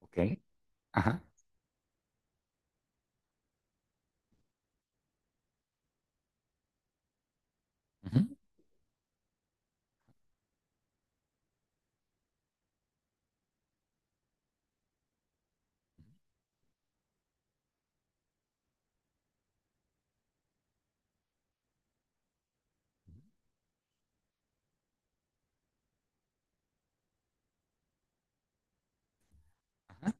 Ok, ajá, ujú, ajá,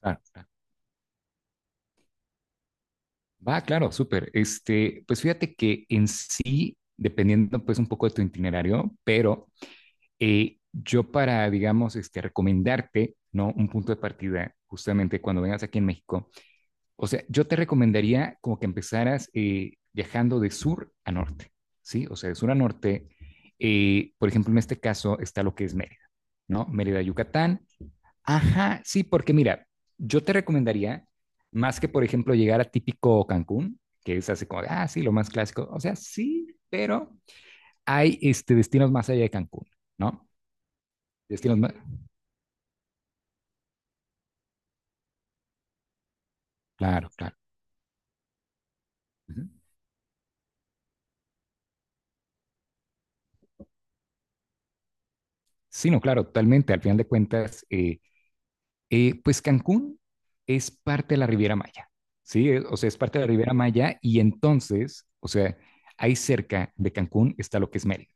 claro, claro. Va, claro, súper. Este, pues fíjate que en sí, dependiendo pues un poco de tu itinerario, pero yo para, digamos, este, recomendarte, ¿no? Un punto de partida, justamente cuando vengas aquí en México, o sea, yo te recomendaría como que empezaras viajando de sur a norte, ¿sí? O sea, de sur a norte, por ejemplo, en este caso está lo que es Mérida, ¿no? Mérida, Yucatán. Ajá, sí, porque mira, yo te recomendaría, más que por ejemplo llegar a típico Cancún, que es así como, de, ah, sí, lo más clásico, o sea, sí, pero hay este, destinos más allá de Cancún, ¿no? Destinos más, claro, claro. Ujú. Sí, no, claro, totalmente, al final de cuentas, pues Cancún es parte de la Riviera Maya, ¿sí? O sea, es parte de la Riviera Maya y entonces, o sea, ahí cerca de Cancún está lo que es Mérida.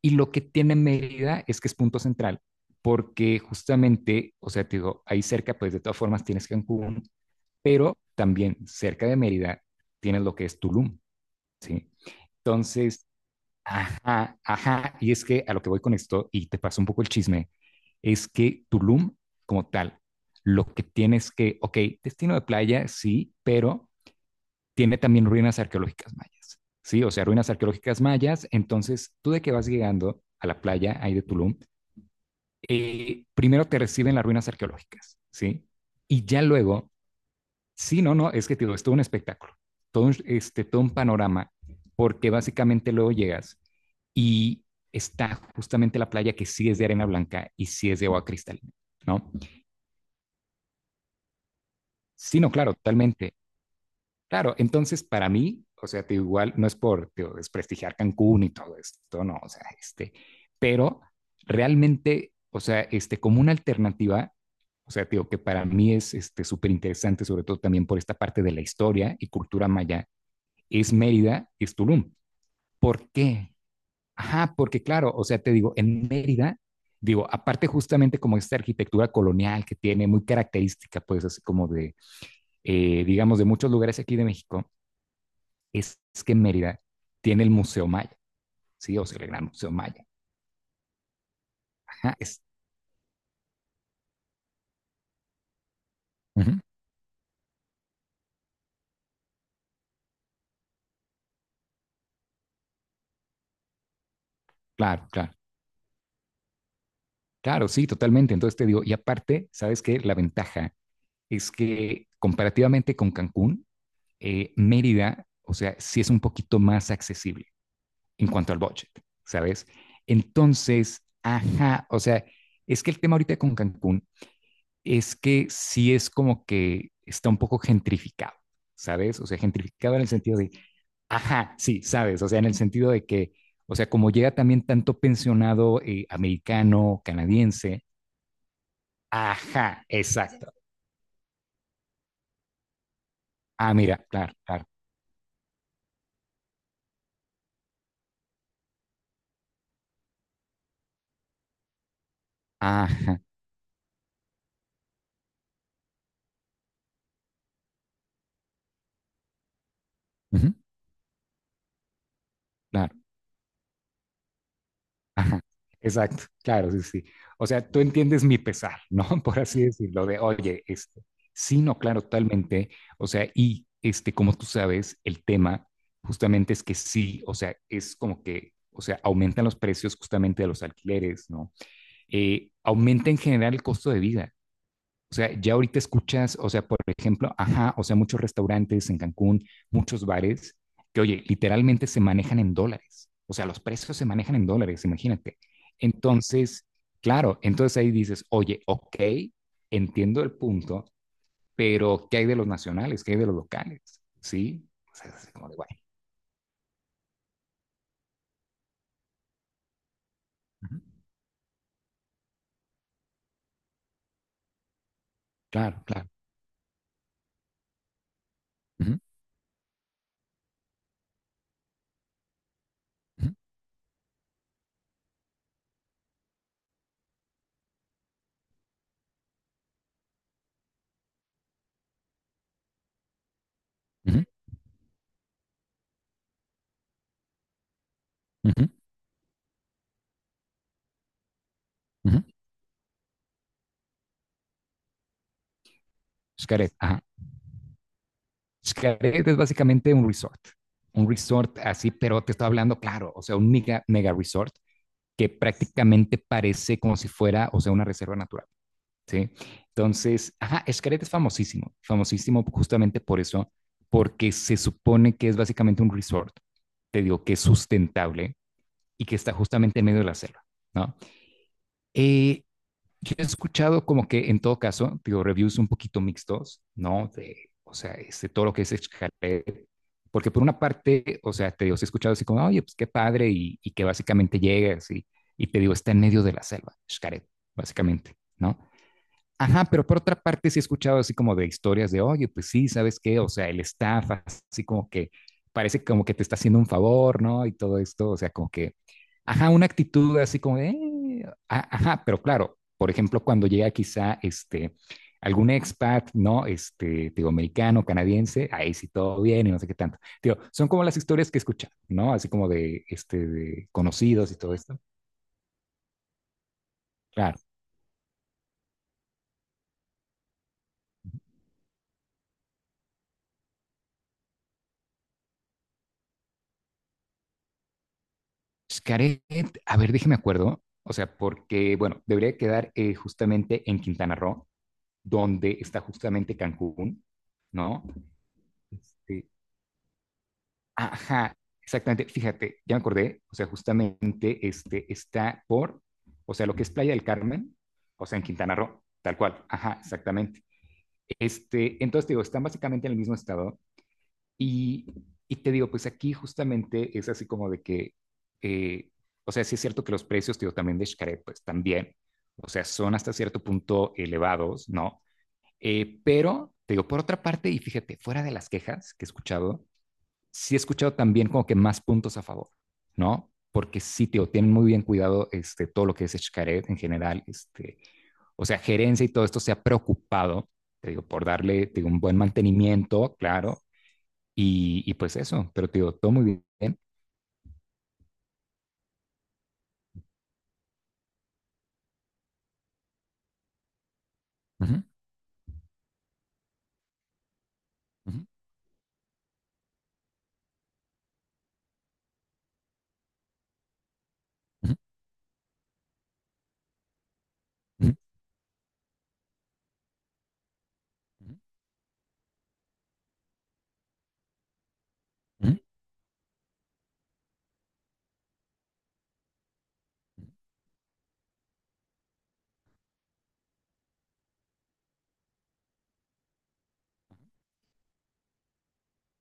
Y lo que tiene Mérida es que es punto central, porque justamente, o sea, te digo, ahí cerca, pues de todas formas tienes Cancún, pero también cerca de Mérida tienes lo que es Tulum, ¿sí? Entonces, ajá, ajá, y es que a lo que voy con esto, y te paso un poco el chisme, es que Tulum como tal, lo que tienes que, ok, destino de playa, sí, pero tiene también ruinas arqueológicas mayas, ¿sí? O sea, ruinas arqueológicas mayas. Entonces, tú de que vas llegando a la playa ahí de Tulum, primero te reciben las ruinas arqueológicas, ¿sí? Y ya luego, sí, no, no, es que tío, es todo un espectáculo, todo un, este, todo un panorama, porque básicamente luego llegas y está justamente la playa que sí es de arena blanca y sí es de agua cristalina, ¿no? Sí, no, claro, totalmente. Claro, entonces para mí, o sea, te digo, igual no es por te digo, desprestigiar Cancún y todo esto, no, o sea, este, pero realmente, o sea, este, como una alternativa, o sea, te digo que para mí es este súper interesante, sobre todo también por esta parte de la historia y cultura maya, es Mérida, es Tulum. ¿Por qué? Ajá, porque claro, o sea, te digo, en Mérida, digo, aparte justamente como esta arquitectura colonial que tiene muy característica, pues así como de, digamos, de muchos lugares aquí de México, es que Mérida tiene el Museo Maya, ¿sí? O sea, el Gran Museo Maya. Ajá, es, uh -huh. Claro, claro, claro, sí, totalmente. Entonces te digo, y aparte, ¿sabes qué? La ventaja es que comparativamente con Cancún, Mérida, o sea, sí es un poquito más accesible en cuanto al budget, ¿sabes? Entonces, ajá, o sea, es que el tema ahorita con Cancún es que sí es como que está un poco gentrificado, ¿sabes? O sea, gentrificado en el sentido de, ajá, sí, sabes, o sea, en el sentido de que, o sea, como llega también tanto pensionado americano, canadiense, ajá, exacto. Ah, mira, claro, claro, ajá, ujú, claro, ajá, exacto, claro, sí, sí. O sea, tú entiendes mi pesar, ¿no? Por así decirlo, de, oye, este, sí, no, claro, totalmente. O sea, y este, como tú sabes, el tema justamente es que sí, o sea, es como que, o sea, aumentan los precios justamente de los alquileres, ¿no? Aumenta en general el costo de vida. O sea, ya ahorita escuchas, o sea, por ejemplo, ajá, o sea, muchos restaurantes en Cancún, muchos bares, que oye, literalmente se manejan en dólares. O sea, los precios se manejan en dólares, imagínate. Entonces, claro, entonces ahí dices, oye, ok, entiendo el punto, pero ¿qué hay de los nacionales? ¿Qué hay de los locales? ¿Sí? O sea, es como de, guay. Claro, claro. Ujú, ujú, ujú, ujú, ujú. Es que, ajá. Xcaret es básicamente un resort así, pero te estoy hablando, claro, o sea, un mega, mega resort que prácticamente parece como si fuera, o sea, una reserva natural, ¿sí? Entonces, ajá, Xcaret es famosísimo, famosísimo justamente por eso, porque se supone que es básicamente un resort, te digo, que es sustentable y que está justamente en medio de la selva, ¿no? Eh, yo he escuchado como que en todo caso, digo, reviews un poquito mixtos, ¿no? De, o sea, este, todo lo que es Xcaret, porque por una parte, o sea, te digo, sí he escuchado así como, oye, pues qué padre, y que básicamente llegas y te digo, está en medio de la selva, Xcaret, básicamente, ¿no? Ajá, pero por otra parte sí he escuchado así como de historias de, oye, pues sí, ¿sabes qué? O sea, el staff así como que parece como que te está haciendo un favor, ¿no? Y todo esto, o sea, como que, ajá, una actitud así como de, ajá, pero claro, por ejemplo, cuando llega quizá este, algún expat, ¿no? Este, digo, americano, canadiense, ahí sí todo bien y no sé qué tanto. Digo, son como las historias que escuchan, ¿no? Así como de, este, de conocidos y todo esto. Claro. Xcaret, a ver, déjeme acuerdo. O sea, porque, bueno, debería quedar justamente en Quintana Roo, donde está justamente Cancún, ¿no? Este, ajá, exactamente. Fíjate, ya me acordé. O sea, justamente este, está por, o sea, lo que es Playa del Carmen, o sea, en Quintana Roo, tal cual. Ajá, exactamente. Este, entonces, te digo, están básicamente en el mismo estado. Y, y te digo, pues aquí justamente es así como de que, eh, o sea, sí es cierto que los precios, te digo, también de Xcaret, pues también, o sea, son hasta cierto punto elevados, ¿no? Pero, te digo, por otra parte, y fíjate, fuera de las quejas que he escuchado, sí he escuchado también como que más puntos a favor, ¿no? Porque sí, te digo, tienen muy bien cuidado este, todo lo que es Xcaret en general, este, o sea, gerencia y todo esto se ha preocupado, te digo, por darle te digo, un buen mantenimiento, claro, y pues eso, pero te digo, todo muy bien. Ujú, ujú, ujú, ujú, ujú, ujú.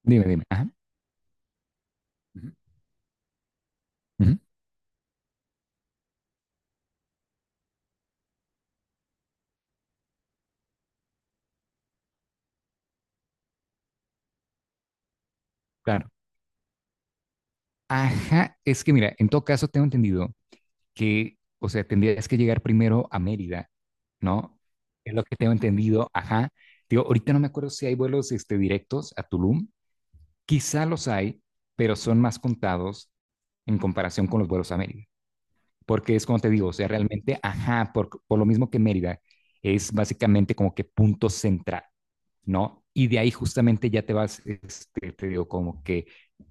Dime, dime. Ajá. Ujú, ujú, claro. Ajá, es que mira, en todo caso tengo entendido que, o sea, tendrías que llegar primero a Mérida, ¿no? Es lo que tengo entendido, ajá. Digo, ahorita no me acuerdo si hay vuelos este, directos a Tulum. Quizá los hay, pero son más contados en comparación con los vuelos a Mérida. Porque es como te digo, o sea, realmente, ajá, por lo mismo que Mérida, es básicamente como que punto central, ¿no? Y de ahí justamente ya te vas, este, te digo, como que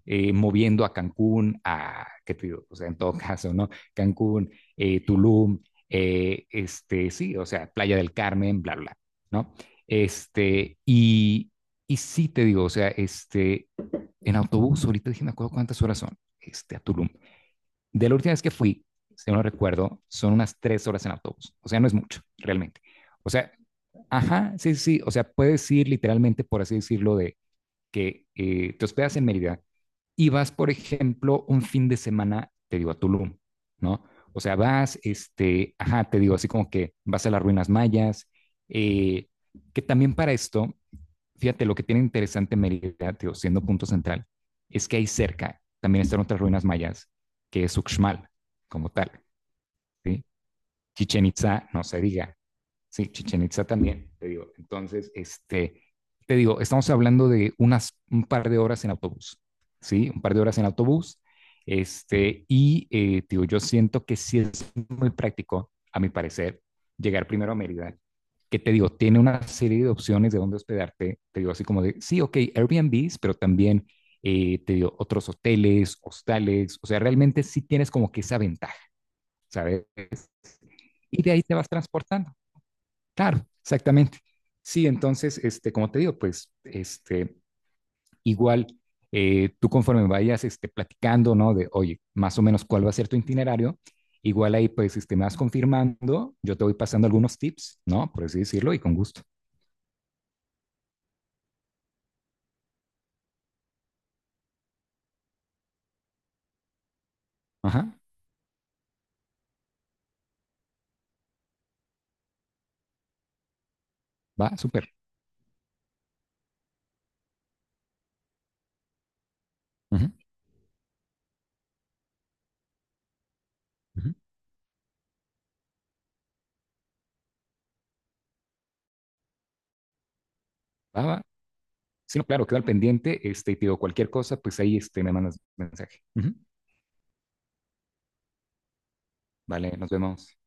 moviendo a Cancún, a, ¿qué te digo? O sea, en todo caso, ¿no? Cancún, Tulum, este, sí, o sea, Playa del Carmen, bla, bla, ¿no? Este, y sí te digo, o sea, este, en autobús, ahorita dije, me acuerdo cuántas horas son, este, a Tulum, de la última vez que fui, si no recuerdo, son unas 3 horas en autobús. O sea, no es mucho, realmente. O sea, ajá, sí, sí, sí. O sea, puedes ir literalmente, por así decirlo, de que te hospedas en Mérida y vas, por ejemplo, un fin de semana, te digo, a Tulum, ¿no? O sea, vas, este, ajá, te digo, así como que vas a las ruinas mayas, eh, que también para esto fíjate, lo que tiene interesante Mérida, tío, siendo punto central, es que ahí cerca también están otras ruinas mayas, que es Uxmal, como tal. ¿Sí? Chichen Itza, no se diga. Sí, Chichen Itza también, te digo. Entonces, este, te digo, estamos hablando de unas, un par de horas en autobús, ¿sí? Un par de horas en autobús. Este, y, tío, yo siento que sí es muy práctico, a mi parecer, llegar primero a Mérida que te digo, tiene una serie de opciones de dónde hospedarte. Te digo así como de, sí, ok, Airbnbs, pero también te digo otros hoteles, hostales. O sea, realmente sí tienes como que esa ventaja, ¿sabes? Y de ahí te vas transportando. Claro, exactamente. Sí, entonces, este, como te digo, pues, este, igual, tú conforme vayas, este, platicando, ¿no? De, oye, más o menos cuál va a ser tu itinerario, igual ahí, pues, este, me vas confirmando, yo te voy pasando algunos tips, ¿no? Por así decirlo, y con gusto. Ajá, va, súper. Ujú, ujú. Va, va. Sí, no, claro, quedo al pendiente. Este, y te digo, cualquier cosa, pues ahí este, me mandas mensaje. Ujú. Vale, nos vemos.